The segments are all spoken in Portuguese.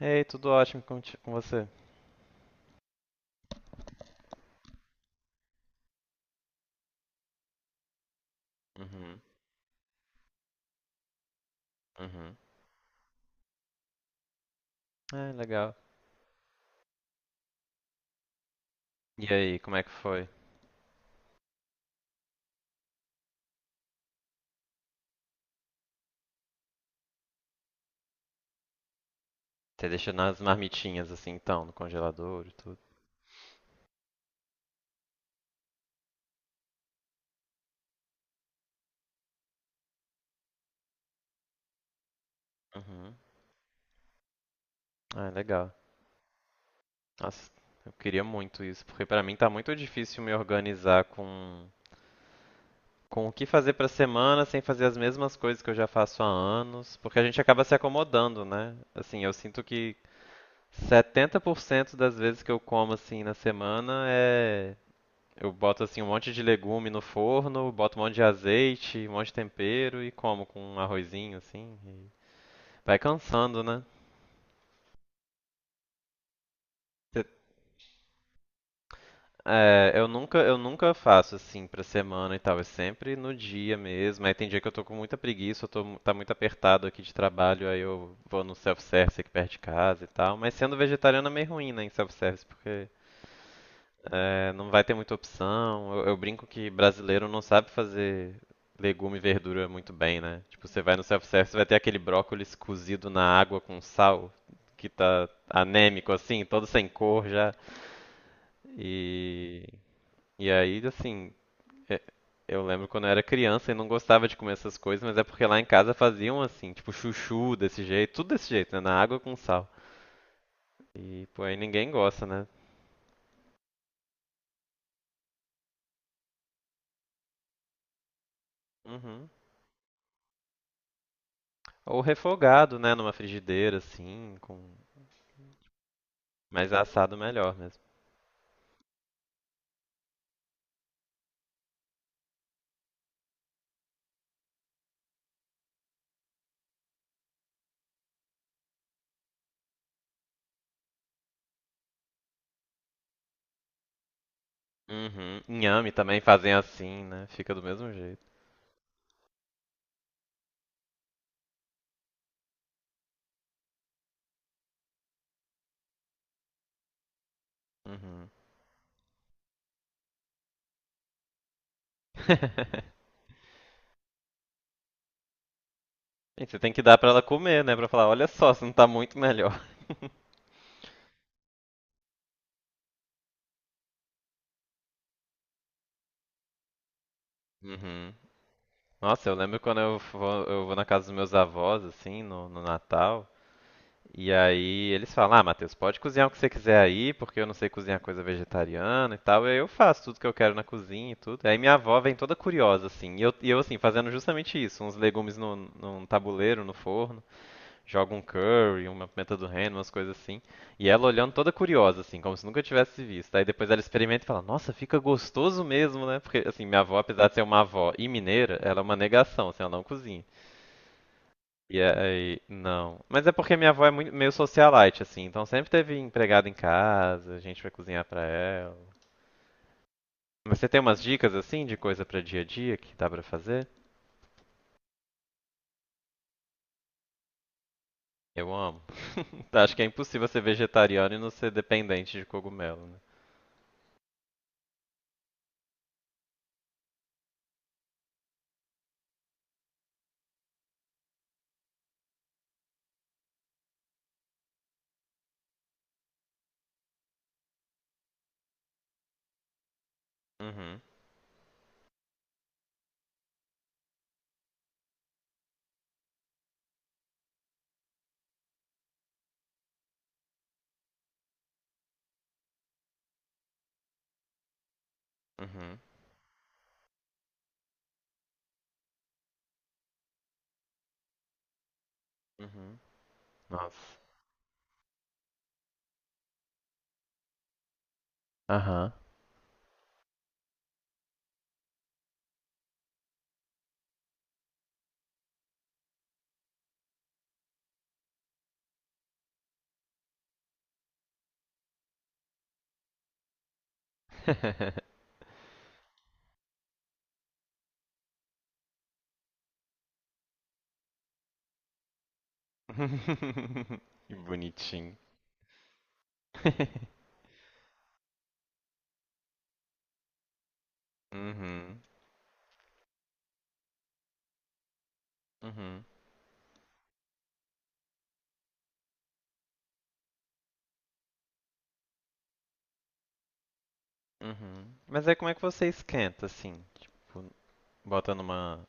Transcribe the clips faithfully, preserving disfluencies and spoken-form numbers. Ei, tudo ótimo com, ti- com você? Uhum, uhum. É, legal. E aí, como é que foi? Você deixou nas marmitinhas assim, então, no congelador e tudo? Uhum. Ah, é legal. Nossa, eu queria muito isso, porque pra mim tá muito difícil me organizar com com o que fazer pra semana sem fazer as mesmas coisas que eu já faço há anos, porque a gente acaba se acomodando, né? Assim, eu sinto que setenta por cento das vezes que eu como assim na semana é eu boto assim um monte de legume no forno, boto um monte de azeite, um monte de tempero e como com um arrozinho assim. e Vai cansando, né? Cê- É, eu nunca, eu nunca faço assim pra semana e tal, é sempre no dia mesmo. Aí tem dia que eu tô com muita preguiça, eu tô, mu- tá muito apertado aqui de trabalho, aí eu vou no self-service aqui perto de casa e tal. Mas sendo vegetariano é meio ruim, né, em self-service, porque é, não vai ter muita opção. Eu, eu brinco que brasileiro não sabe fazer legume e verdura muito bem, né? Tipo, você vai no self-service, vai ter aquele brócolis cozido na água com sal, que tá anêmico assim, todo sem cor já. E, e aí, assim, é- eu lembro quando eu era criança e não gostava de comer essas coisas, mas é porque lá em casa faziam assim, tipo chuchu desse jeito, tudo desse jeito, né? Na água com sal. E, pô, aí ninguém gosta, né? Uhum. Ou refogado, né? Numa frigideira, assim, com... Mas é assado melhor mesmo. Uhum. Inhame também fazem assim, né? Fica do mesmo jeito. Uhum. Gente, você tem que dar pra ela comer, né? Pra falar, olha só, você não tá muito melhor. Uhum. Nossa, eu lembro quando eu vou, eu vou na casa dos meus avós, assim, no, no Natal. E aí eles falam, ah, Matheus, pode cozinhar o que você quiser aí, porque eu não sei cozinhar coisa vegetariana e tal. E aí eu faço tudo que eu quero na cozinha e tudo. Aí minha avó vem toda curiosa, assim. E eu, e eu assim, fazendo justamente isso, uns legumes no, num tabuleiro, no forno. Joga um curry, uma pimenta do reino, umas coisas assim. E ela olhando toda curiosa, assim, como se nunca tivesse visto. Aí depois ela experimenta e fala, nossa, fica gostoso mesmo, né? Porque, assim, minha avó, apesar de ser uma avó e mineira, ela é uma negação, assim, ela não cozinha. E aí, não. Mas é porque minha avó é muito, meio socialite, assim, então sempre teve empregada em casa, a gente vai cozinhar pra ela. Mas você tem umas dicas, assim, de coisa pra dia a dia que dá pra fazer? Eu amo. Acho que é impossível ser vegetariano e não ser dependente de cogumelo, né? Uhum, uhum, uhum. Nossa. Aham. Que bonitinho. Uhum, uhum, uhum. Mas aí como é que você esquenta, assim? Tipo, bota numa...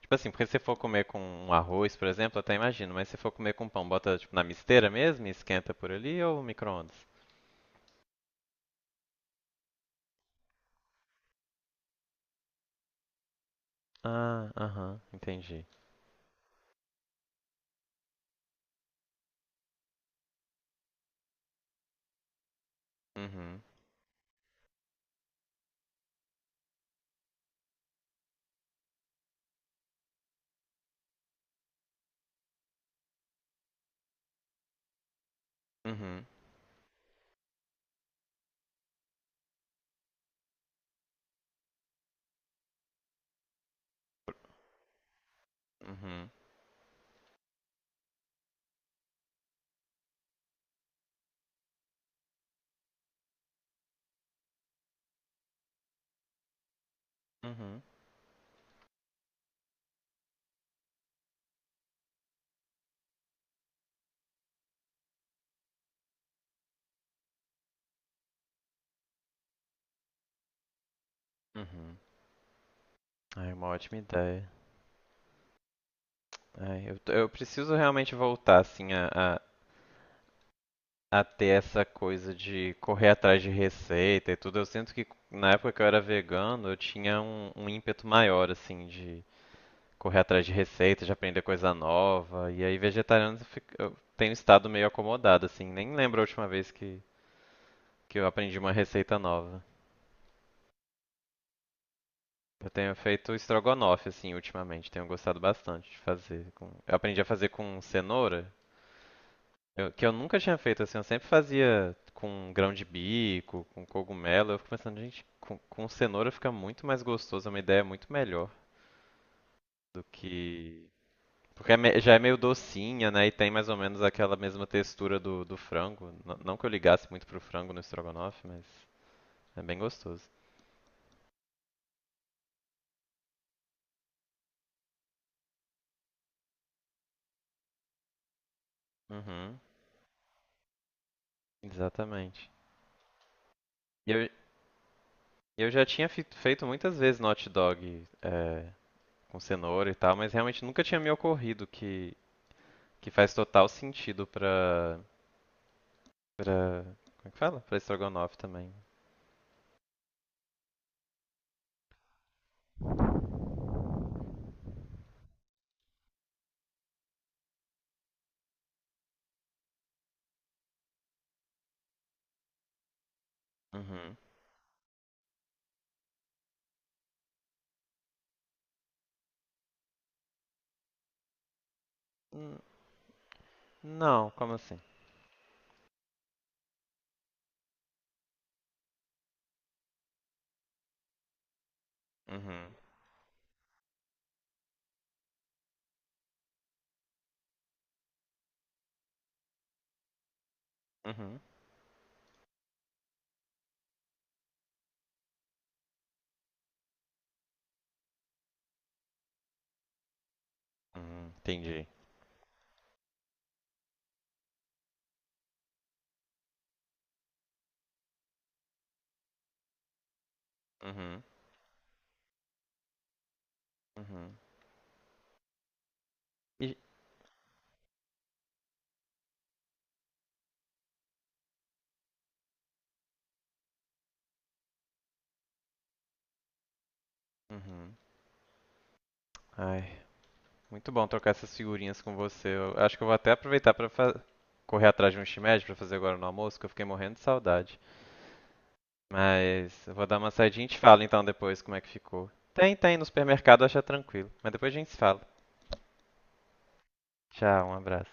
Tipo assim, porque se você for comer com um arroz, por exemplo, eu até imagino, mas se for comer com pão, bota tipo na misteira mesmo e esquenta por ali ou micro-ondas? Ah, aham, entendi. Uhum, uhum, uhum, uhum, uhum. Ai, uma ótima ideia. Ai, eu, eu preciso realmente voltar, assim, a a ter essa coisa de correr atrás de receita e tudo. Eu sinto que na época que eu era vegano, eu tinha um, um ímpeto maior, assim, de correr atrás de receita, de aprender coisa nova. E aí, vegetariano, eu fico- eu tenho estado meio acomodado, assim. Nem lembro a última vez que, que eu aprendi uma receita nova. Eu tenho feito estrogonofe, assim, ultimamente. Tenho gostado bastante de fazer. com- Eu aprendi a fazer com cenoura. Eu- que eu nunca tinha feito assim, eu sempre fazia com grão de bico, com cogumelo. Eu fico pensando, gente, com, com cenoura fica muito mais gostoso, é uma ideia muito melhor do que. Porque é me- já é meio docinha, né? E tem mais ou menos aquela mesma textura do, do frango. N- não que eu ligasse muito pro frango no estrogonofe, mas é bem gostoso. Uhum, exatamente. E Eu, eu já tinha fi- feito muitas vezes no hot dog é, com cenoura e tal, mas realmente nunca tinha me ocorrido que, que faz total sentido pra... Pra. Como é que fala? Pra estrogonofe também. Uhum. N- Não, como assim? Uhum. Uhum. Uhum. Entendi. Uhum. Uhum. E. Uhum. Ai, muito bom trocar essas figurinhas com você. Eu acho que eu vou até aproveitar pra fa- correr atrás de um shimeji pra fazer agora no almoço, que eu fiquei morrendo de saudade. Mas eu vou dar uma saidinha e te falo então depois como é que ficou. Tem, tem, no supermercado acha tranquilo. Mas depois a gente se fala. Tchau, um abraço.